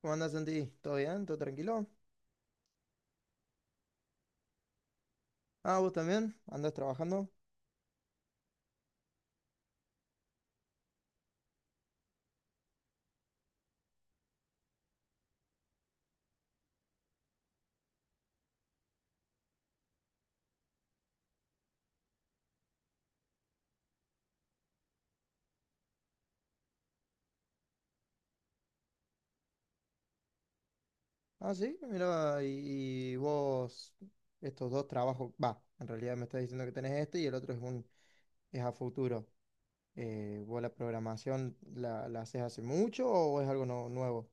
¿Cómo andás, Santi? ¿Todo bien? ¿Todo tranquilo? Ah, ¿vos también? ¿Andás trabajando? Ah, sí, mira, y vos, estos dos trabajos, va, en realidad me estás diciendo que tenés este y el otro es un, es a futuro. ¿Vos la programación la haces hace mucho o es algo nuevo?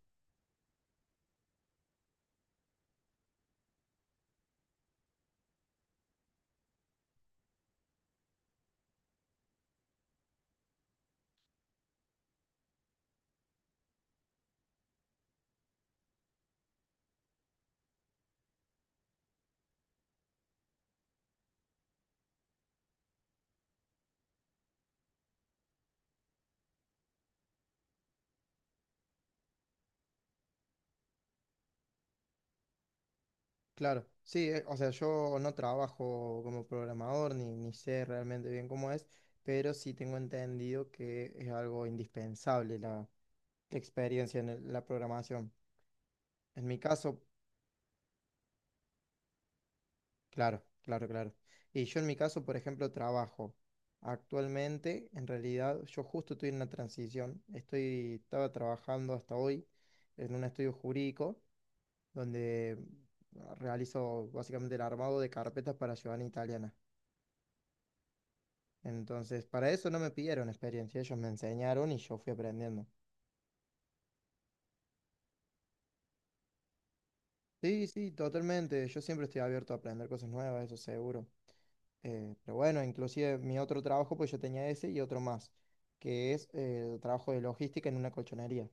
Claro, sí, o sea, yo no trabajo como programador ni sé realmente bien cómo es, pero sí tengo entendido que es algo indispensable la, la experiencia en la programación. En mi caso. Claro, claro, claro. Y yo en mi caso, por ejemplo, trabajo. Actualmente, en realidad, yo justo estoy en una transición. Estaba trabajando hasta hoy en un estudio jurídico donde realizo básicamente el armado de carpetas para ciudadanía italiana. Entonces, para eso no me pidieron experiencia, ellos me enseñaron y yo fui aprendiendo. Sí, sí, totalmente. Yo siempre estoy abierto a aprender cosas nuevas, eso seguro. Pero bueno, inclusive mi otro trabajo, pues yo tenía ese y otro más, que es trabajo de logística en una colchonería.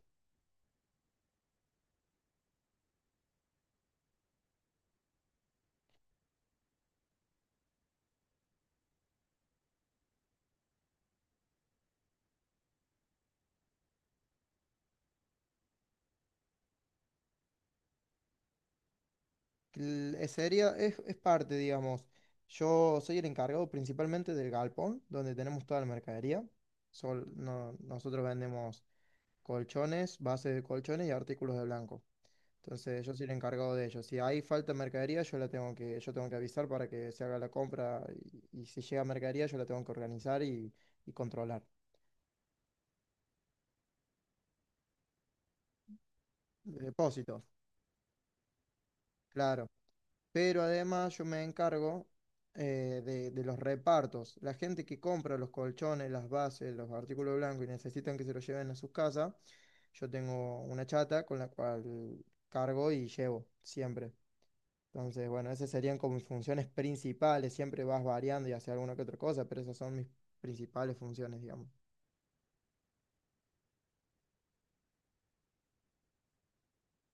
Es seria, es parte, digamos. Yo soy el encargado principalmente del galpón, donde tenemos toda la mercadería. Nosotros vendemos colchones, bases de colchones y artículos de blanco. Entonces yo soy el encargado de ello. Si hay falta de mercadería, yo tengo que avisar para que se haga la compra y si llega mercadería, yo la tengo que organizar y controlar. Depósitos. Claro, pero además yo me encargo de los repartos. La gente que compra los colchones, las bases, los artículos blancos y necesitan que se los lleven a sus casas, yo tengo una chata con la cual cargo y llevo siempre. Entonces, bueno, esas serían como mis funciones principales. Siempre vas variando y haces alguna que otra cosa, pero esas son mis principales funciones, digamos.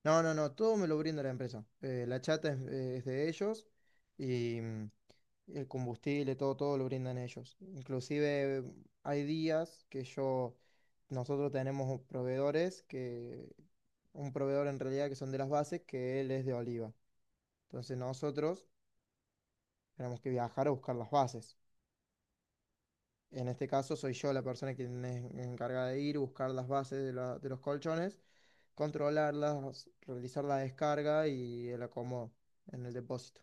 No, no, no, todo me lo brinda la empresa. La chata es de ellos y el combustible, todo, todo lo brindan ellos. Inclusive hay días que yo, nosotros tenemos proveedores que, un proveedor en realidad que son de las bases, que él es de Oliva. Entonces nosotros tenemos que viajar a buscar las bases. En este caso soy yo la persona que es encargada de ir, buscar las bases de, de los colchones, controlarlas, realizar la descarga y el acomodo en el depósito.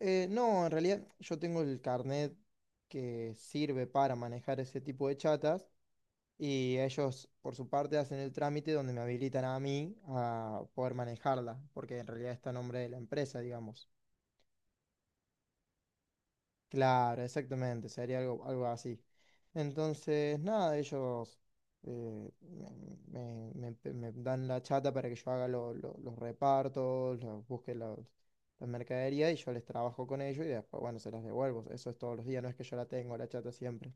No, en realidad yo tengo el carnet que sirve para manejar ese tipo de chatas y ellos por su parte hacen el trámite donde me habilitan a mí a poder manejarla, porque en realidad está a nombre de la empresa, digamos. Claro, exactamente, sería algo, algo así. Entonces, nada, ellos eh, me, me dan la chata para que yo haga los repartos, busque la mercadería y yo les trabajo con ellos y después, bueno, se las devuelvo. Eso es todos los días, no es que yo la tengo, la chata siempre.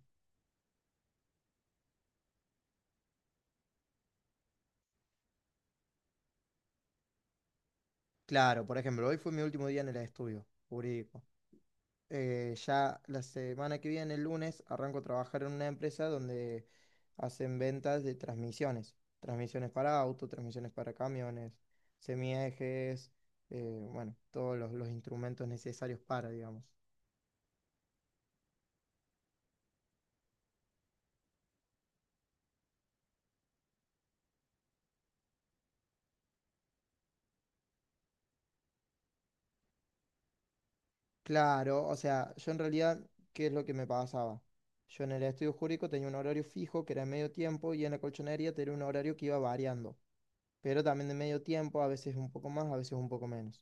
Claro, por ejemplo, hoy fue mi último día en el estudio jurídico. Ya la semana que viene, el lunes, arranco a trabajar en una empresa donde hacen ventas de transmisiones. Transmisiones para autos, transmisiones para camiones, semiejes, bueno, todos los instrumentos necesarios para, digamos. Claro, o sea, yo en realidad, ¿qué es lo que me pasaba? Yo en el estudio jurídico tenía un horario fijo que era medio tiempo y en la colchonería tenía un horario que iba variando, pero también de medio tiempo, a veces un poco más, a veces un poco menos.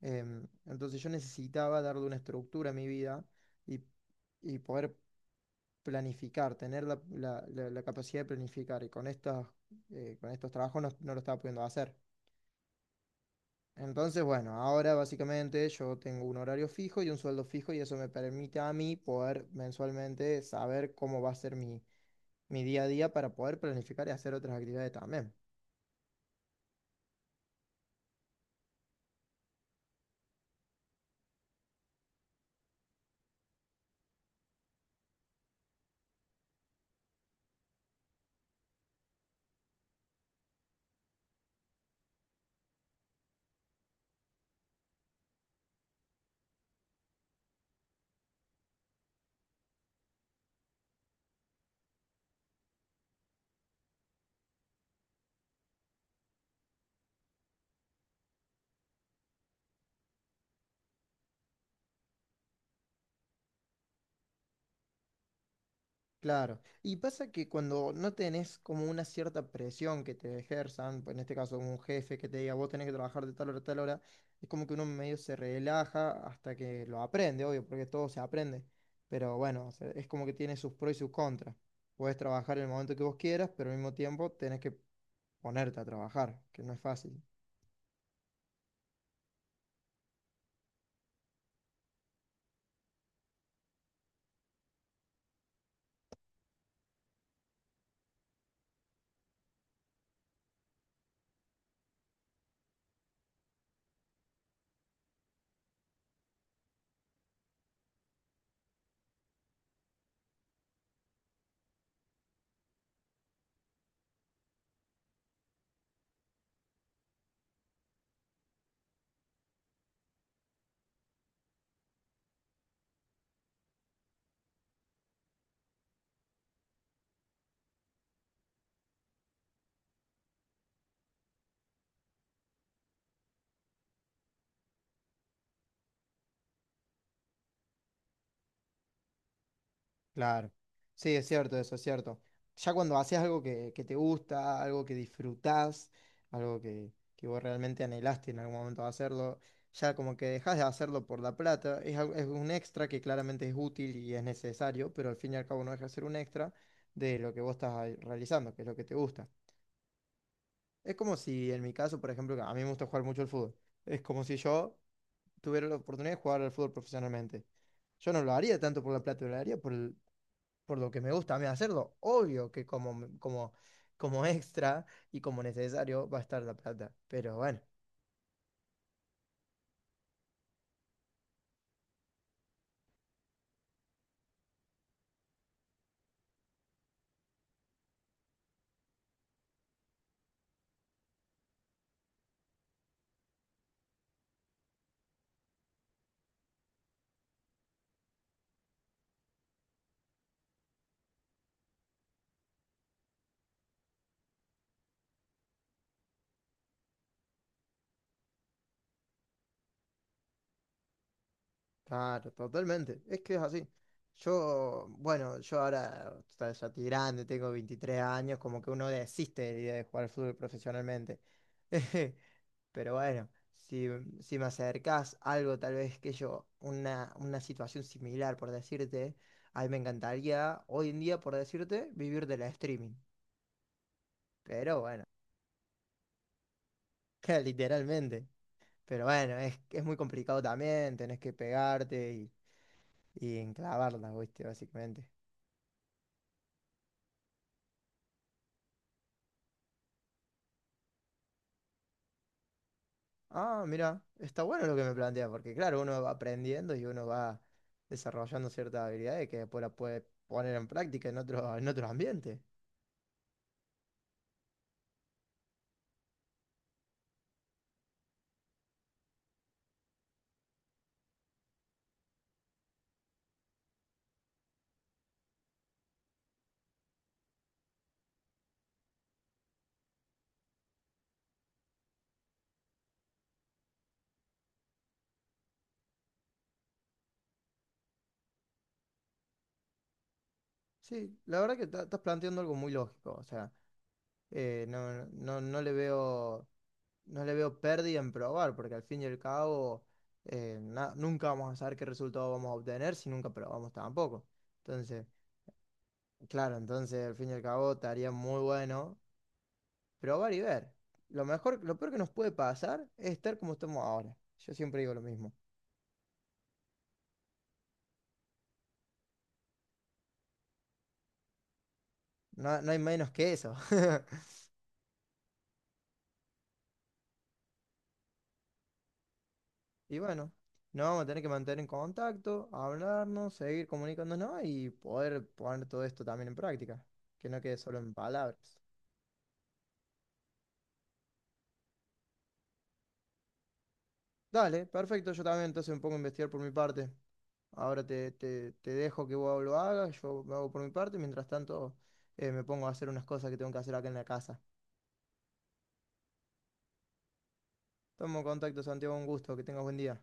Entonces yo necesitaba darle una estructura a mi vida y, y poder planificar, tener la, la capacidad de planificar. Y con con estos trabajos no, no lo estaba pudiendo hacer. Entonces, bueno, ahora básicamente yo tengo un horario fijo y un sueldo fijo y eso me permite a mí poder mensualmente saber cómo va a ser mi, mi día a día para poder planificar y hacer otras actividades también. Claro, y pasa que cuando no tenés como una cierta presión que te ejerzan, pues en este caso un jefe que te diga vos tenés que trabajar de tal hora a tal hora, es como que uno medio se relaja hasta que lo aprende, obvio, porque todo se aprende, pero bueno, o sea, es como que tiene sus pros y sus contras. Podés trabajar en el momento que vos quieras, pero al mismo tiempo tenés que ponerte a trabajar, que no es fácil. Claro. Sí, es cierto, eso es cierto. Ya cuando haces algo que te gusta, algo que disfrutás, algo que vos realmente anhelaste en algún momento hacerlo, ya como que dejas de hacerlo por la plata, es un extra que claramente es útil y es necesario, pero al fin y al cabo no deja de ser un extra de lo que vos estás ahí realizando, que es lo que te gusta. Es como si en mi caso, por ejemplo, que a mí me gusta jugar mucho el fútbol, es como si yo tuviera la oportunidad de jugar al fútbol profesionalmente. Yo no lo haría tanto por la plata, lo haría por el, por lo que me gusta a mí hacerlo. Obvio que como extra y como necesario va a estar la plata. Pero bueno, claro, totalmente. Es que es así. Yo, bueno, yo ahora o sea, ya estoy grande, tengo 23 años, como que uno desiste de la idea de jugar fútbol profesionalmente. Pero bueno, si, si me acercás algo, tal vez que yo, una situación similar, por decirte, a mí me encantaría hoy en día, por decirte, vivir de la streaming. Pero bueno. literalmente. Pero bueno, es muy complicado también, tenés que pegarte y enclavarla, ¿viste? Básicamente. Ah, mira, está bueno lo que me plantea, porque claro, uno va aprendiendo y uno va desarrollando ciertas habilidades que después las puede poner en práctica en otro ambiente. Sí, la verdad que estás planteando algo muy lógico, o sea, no, no, no le veo no le veo pérdida en probar, porque al fin y al cabo nunca vamos a saber qué resultado vamos a obtener si nunca probamos tampoco. Entonces, claro, entonces al fin y al cabo estaría muy bueno probar y ver. Lo mejor, lo peor que nos puede pasar es estar como estamos ahora. Yo siempre digo lo mismo. No, no hay menos que eso. Y bueno, nos vamos a tener que mantener en contacto, hablarnos, seguir comunicándonos y poder poner todo esto también en práctica, que no quede solo en palabras. Dale, perfecto. Yo también entonces me pongo a investigar por mi parte. Ahora te, te dejo que vos lo hagas, yo me hago por mi parte. Mientras tanto, me pongo a hacer unas cosas que tengo que hacer acá en la casa. Tomo contacto, Santiago, un gusto, que tengas buen día.